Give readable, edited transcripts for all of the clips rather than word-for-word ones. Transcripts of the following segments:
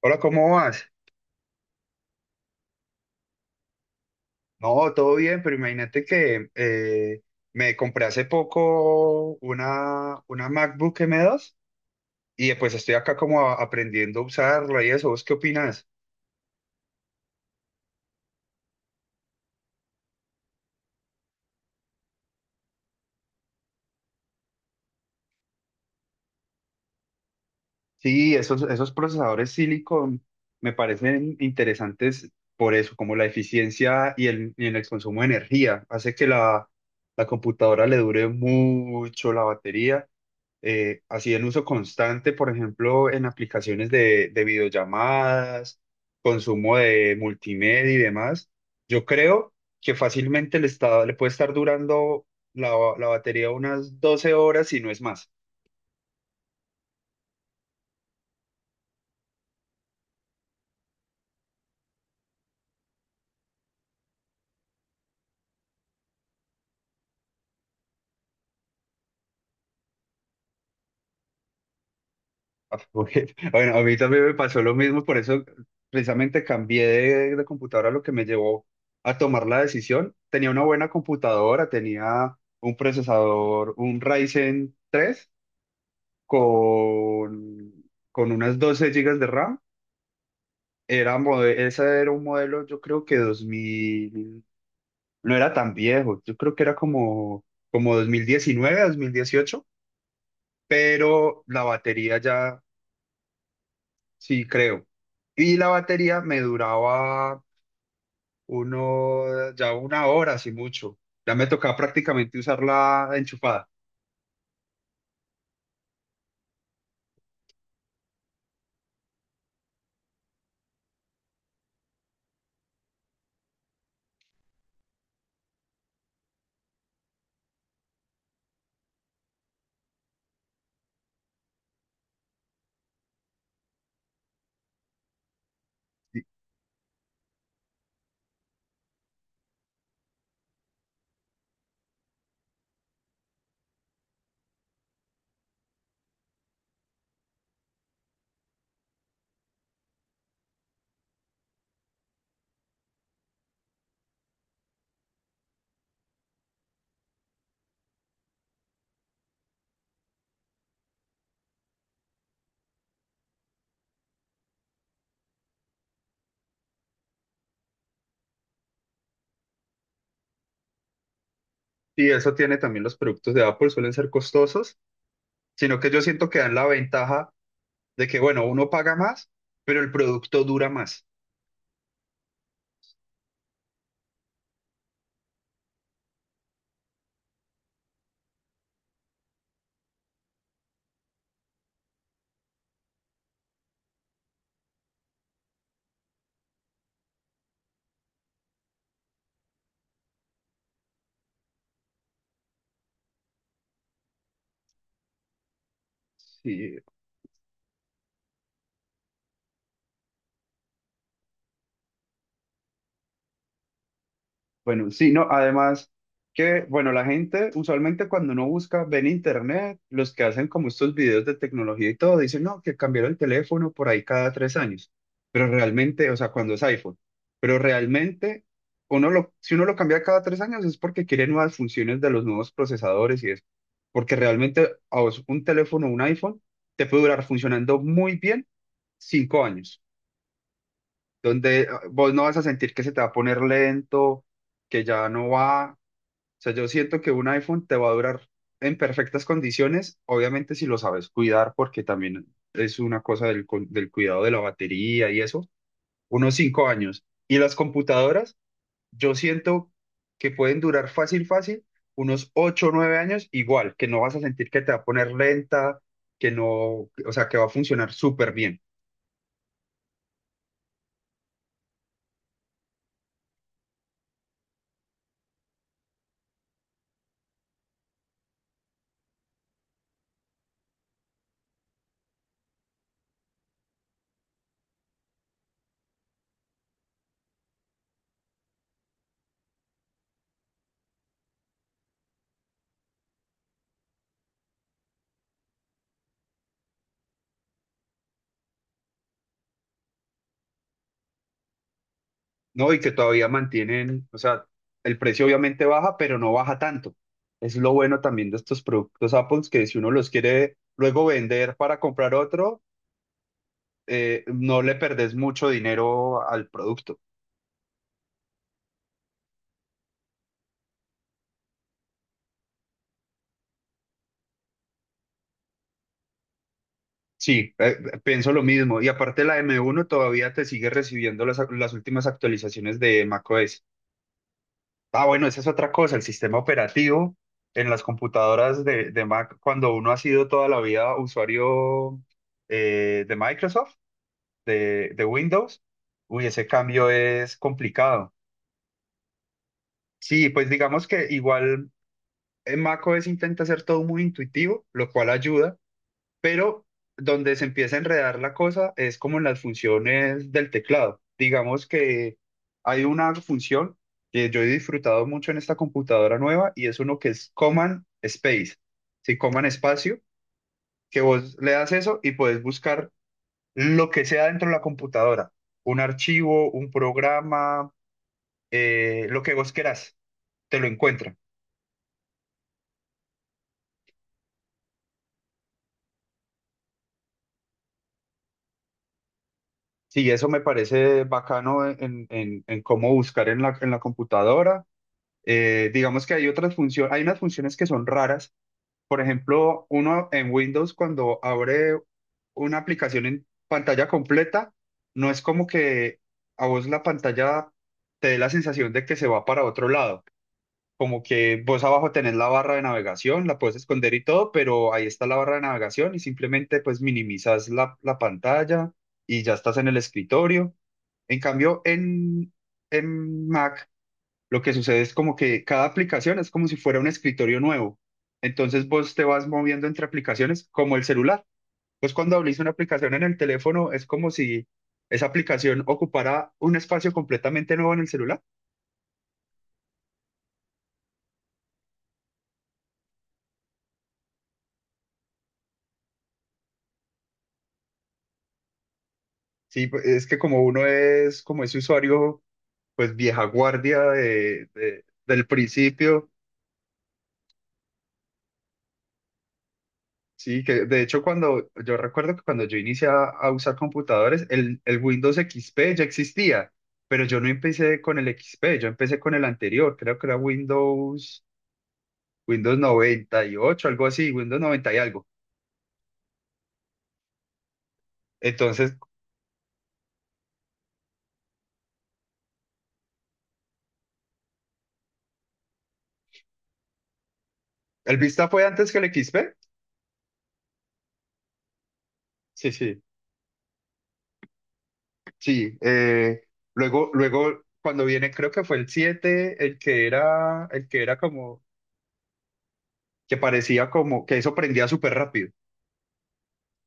Hola, ¿cómo vas? No, todo bien, pero imagínate que me compré hace poco una MacBook M2 y pues estoy acá como aprendiendo a usarla y eso. ¿Vos qué opinas? Sí, esos procesadores Silicon me parecen interesantes por eso, como la eficiencia y el consumo de energía. Hace que la computadora le dure mucho la batería, así en uso constante, por ejemplo, en aplicaciones de videollamadas, consumo de multimedia y demás. Yo creo que fácilmente le puede estar durando la, la batería unas 12 horas y no es más. Ah, Bueno, a mí también me pasó lo mismo, por eso precisamente cambié de computadora, lo que me llevó a tomar la decisión. Tenía una buena computadora, tenía un procesador, un Ryzen 3, con, con unas 12 gigas de RAM. Ese era un modelo, yo creo que 2000 no era tan viejo, yo creo que era como, como 2019, 2018, pero la batería ya, sí creo. Y la batería me duraba uno, ya una hora, así mucho. Ya me tocaba prácticamente usarla enchufada. Y y eso tiene también los productos de Apple, suelen ser costosos, sino que yo siento que dan la ventaja de que, bueno, uno paga más, pero el producto dura más. Sí, bueno, sí, no, además que, bueno, la gente usualmente cuando uno busca, ve en internet, los que hacen como estos videos de tecnología y todo, dicen, no, que cambiaron el teléfono por ahí cada 3 años, pero realmente, o sea, cuando es iPhone, pero realmente, si uno lo cambia cada 3 años es porque quiere nuevas funciones de los nuevos procesadores y eso, porque realmente a vos un teléfono, un iPhone, te puede durar funcionando muy bien 5 años, donde vos no vas a sentir que se te va a poner lento, que ya no va. O sea, yo siento que un iPhone te va a durar en perfectas condiciones, obviamente si lo sabes cuidar, porque también es una cosa del cuidado de la batería y eso, unos 5 años. Y las computadoras, yo siento que pueden durar fácil, fácil, unos 8 o 9 años, igual, que no vas a sentir que te va a poner lenta, que no, o sea, que va a funcionar súper bien. No, y que todavía mantienen, o sea, el precio obviamente baja, pero no baja tanto. Es lo bueno también de estos productos Apple, que si uno los quiere luego vender para comprar otro, no le perdés mucho dinero al producto. Sí, pienso lo mismo. Y aparte la M1 todavía te sigue recibiendo las últimas actualizaciones de macOS. Ah, bueno, esa es otra cosa, el sistema operativo en las computadoras de Mac, cuando uno ha sido toda la vida usuario, de Microsoft, de Windows, uy, ese cambio es complicado. Sí, pues digamos que igual en macOS intenta hacer todo muy intuitivo, lo cual ayuda, pero donde se empieza a enredar la cosa es como en las funciones del teclado. Digamos que hay una función que yo he disfrutado mucho en esta computadora nueva y es uno que es Command Space, sí, Command Espacio, que vos le das eso y puedes buscar lo que sea dentro de la computadora, un archivo, un programa, lo que vos querás, te lo encuentra. Sí, eso me parece bacano en cómo buscar en en la computadora. Digamos que hay otras funciones, hay unas funciones que son raras. Por ejemplo, uno en Windows cuando abre una aplicación en pantalla completa, no es como que a vos la pantalla te dé la sensación de que se va para otro lado, como que vos abajo tenés la barra de navegación, la puedes esconder y todo, pero ahí está la barra de navegación y simplemente pues minimizas la pantalla y ya estás en el escritorio. En cambio, en Mac lo que sucede es como que cada aplicación es como si fuera un escritorio nuevo. Entonces vos te vas moviendo entre aplicaciones como el celular. Pues cuando abrís una aplicación en el teléfono es como si esa aplicación ocupara un espacio completamente nuevo en el celular. Sí, pues, es que como uno es, como es usuario pues vieja guardia del principio, sí, que de hecho cuando, yo recuerdo que cuando yo inicié a usar computadores, el Windows XP ya existía, pero yo no empecé con el XP, yo empecé con el anterior, creo que era Windows, Windows 98, algo así, Windows 90 y algo. Entonces, ¿el Vista fue antes que el XP? Sí, sí, sí. Luego, cuando viene, creo que fue el siete el que era como, que parecía como, que eso prendía súper rápido.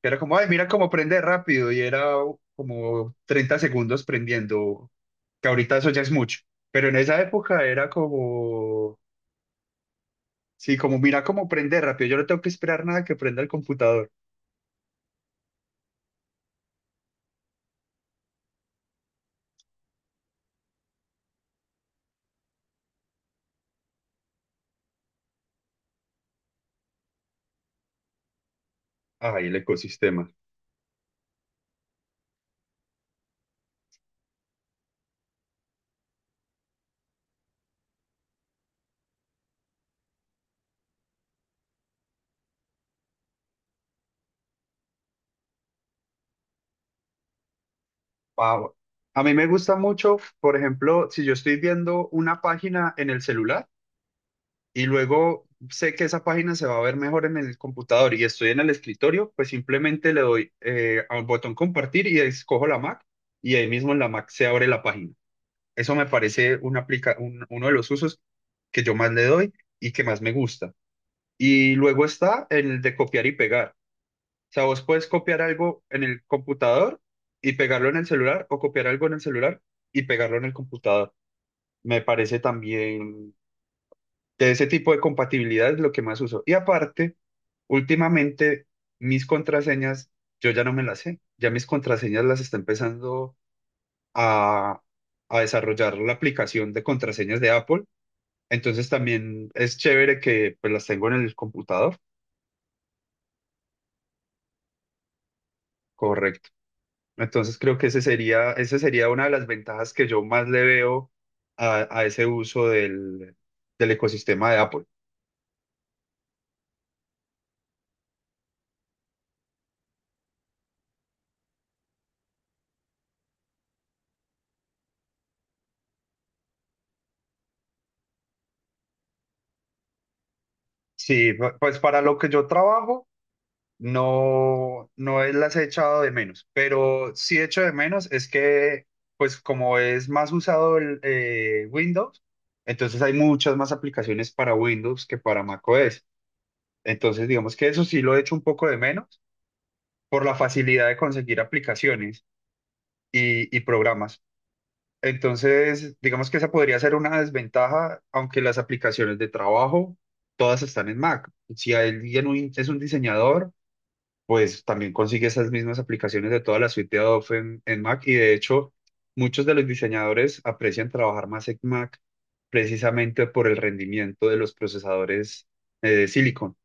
Que era como, ay, mira cómo prende rápido, y era como 30 segundos prendiendo, que ahorita eso ya es mucho, pero en esa época era como, sí, como mira cómo prende rápido, yo no tengo que esperar nada que prenda el computador. Ay, el ecosistema. Wow. A mí me gusta mucho, por ejemplo, si yo estoy viendo una página en el celular, y luego sé que esa página se va a ver mejor en el computador y estoy en el escritorio, pues simplemente le doy, al botón compartir y escojo la Mac, y ahí mismo en la Mac se abre la página. Eso me parece uno de los usos que yo más le doy y que más me gusta. Y luego está el de copiar y pegar. O sea, vos puedes copiar algo en el computador y pegarlo en el celular, o copiar algo en el celular y pegarlo en el computador. Me parece también de ese tipo de compatibilidad es lo que más uso. Y aparte, últimamente mis contraseñas, yo ya no me las sé. Ya mis contraseñas las está empezando a, a desarrollar la aplicación de contraseñas de Apple. Entonces también es chévere que pues las tengo en el computador. Correcto. Entonces creo que ese sería, esa sería una de las ventajas que yo más le veo a ese uso del ecosistema de Apple. Sí, pues para lo que yo trabajo, no, las he echado de menos, pero sí echo de menos es que, pues como es más usado el Windows, entonces hay muchas más aplicaciones para Windows que para macOS. Entonces, digamos que eso sí lo echo un poco de menos por la facilidad de conseguir aplicaciones y programas. Entonces, digamos que esa podría ser una desventaja, aunque las aplicaciones de trabajo todas están en Mac. Si alguien es un diseñador, pues también consigue esas mismas aplicaciones de toda la suite de Adobe en Mac, y de hecho muchos de los diseñadores aprecian trabajar más en Mac precisamente por el rendimiento de los procesadores, de silicon.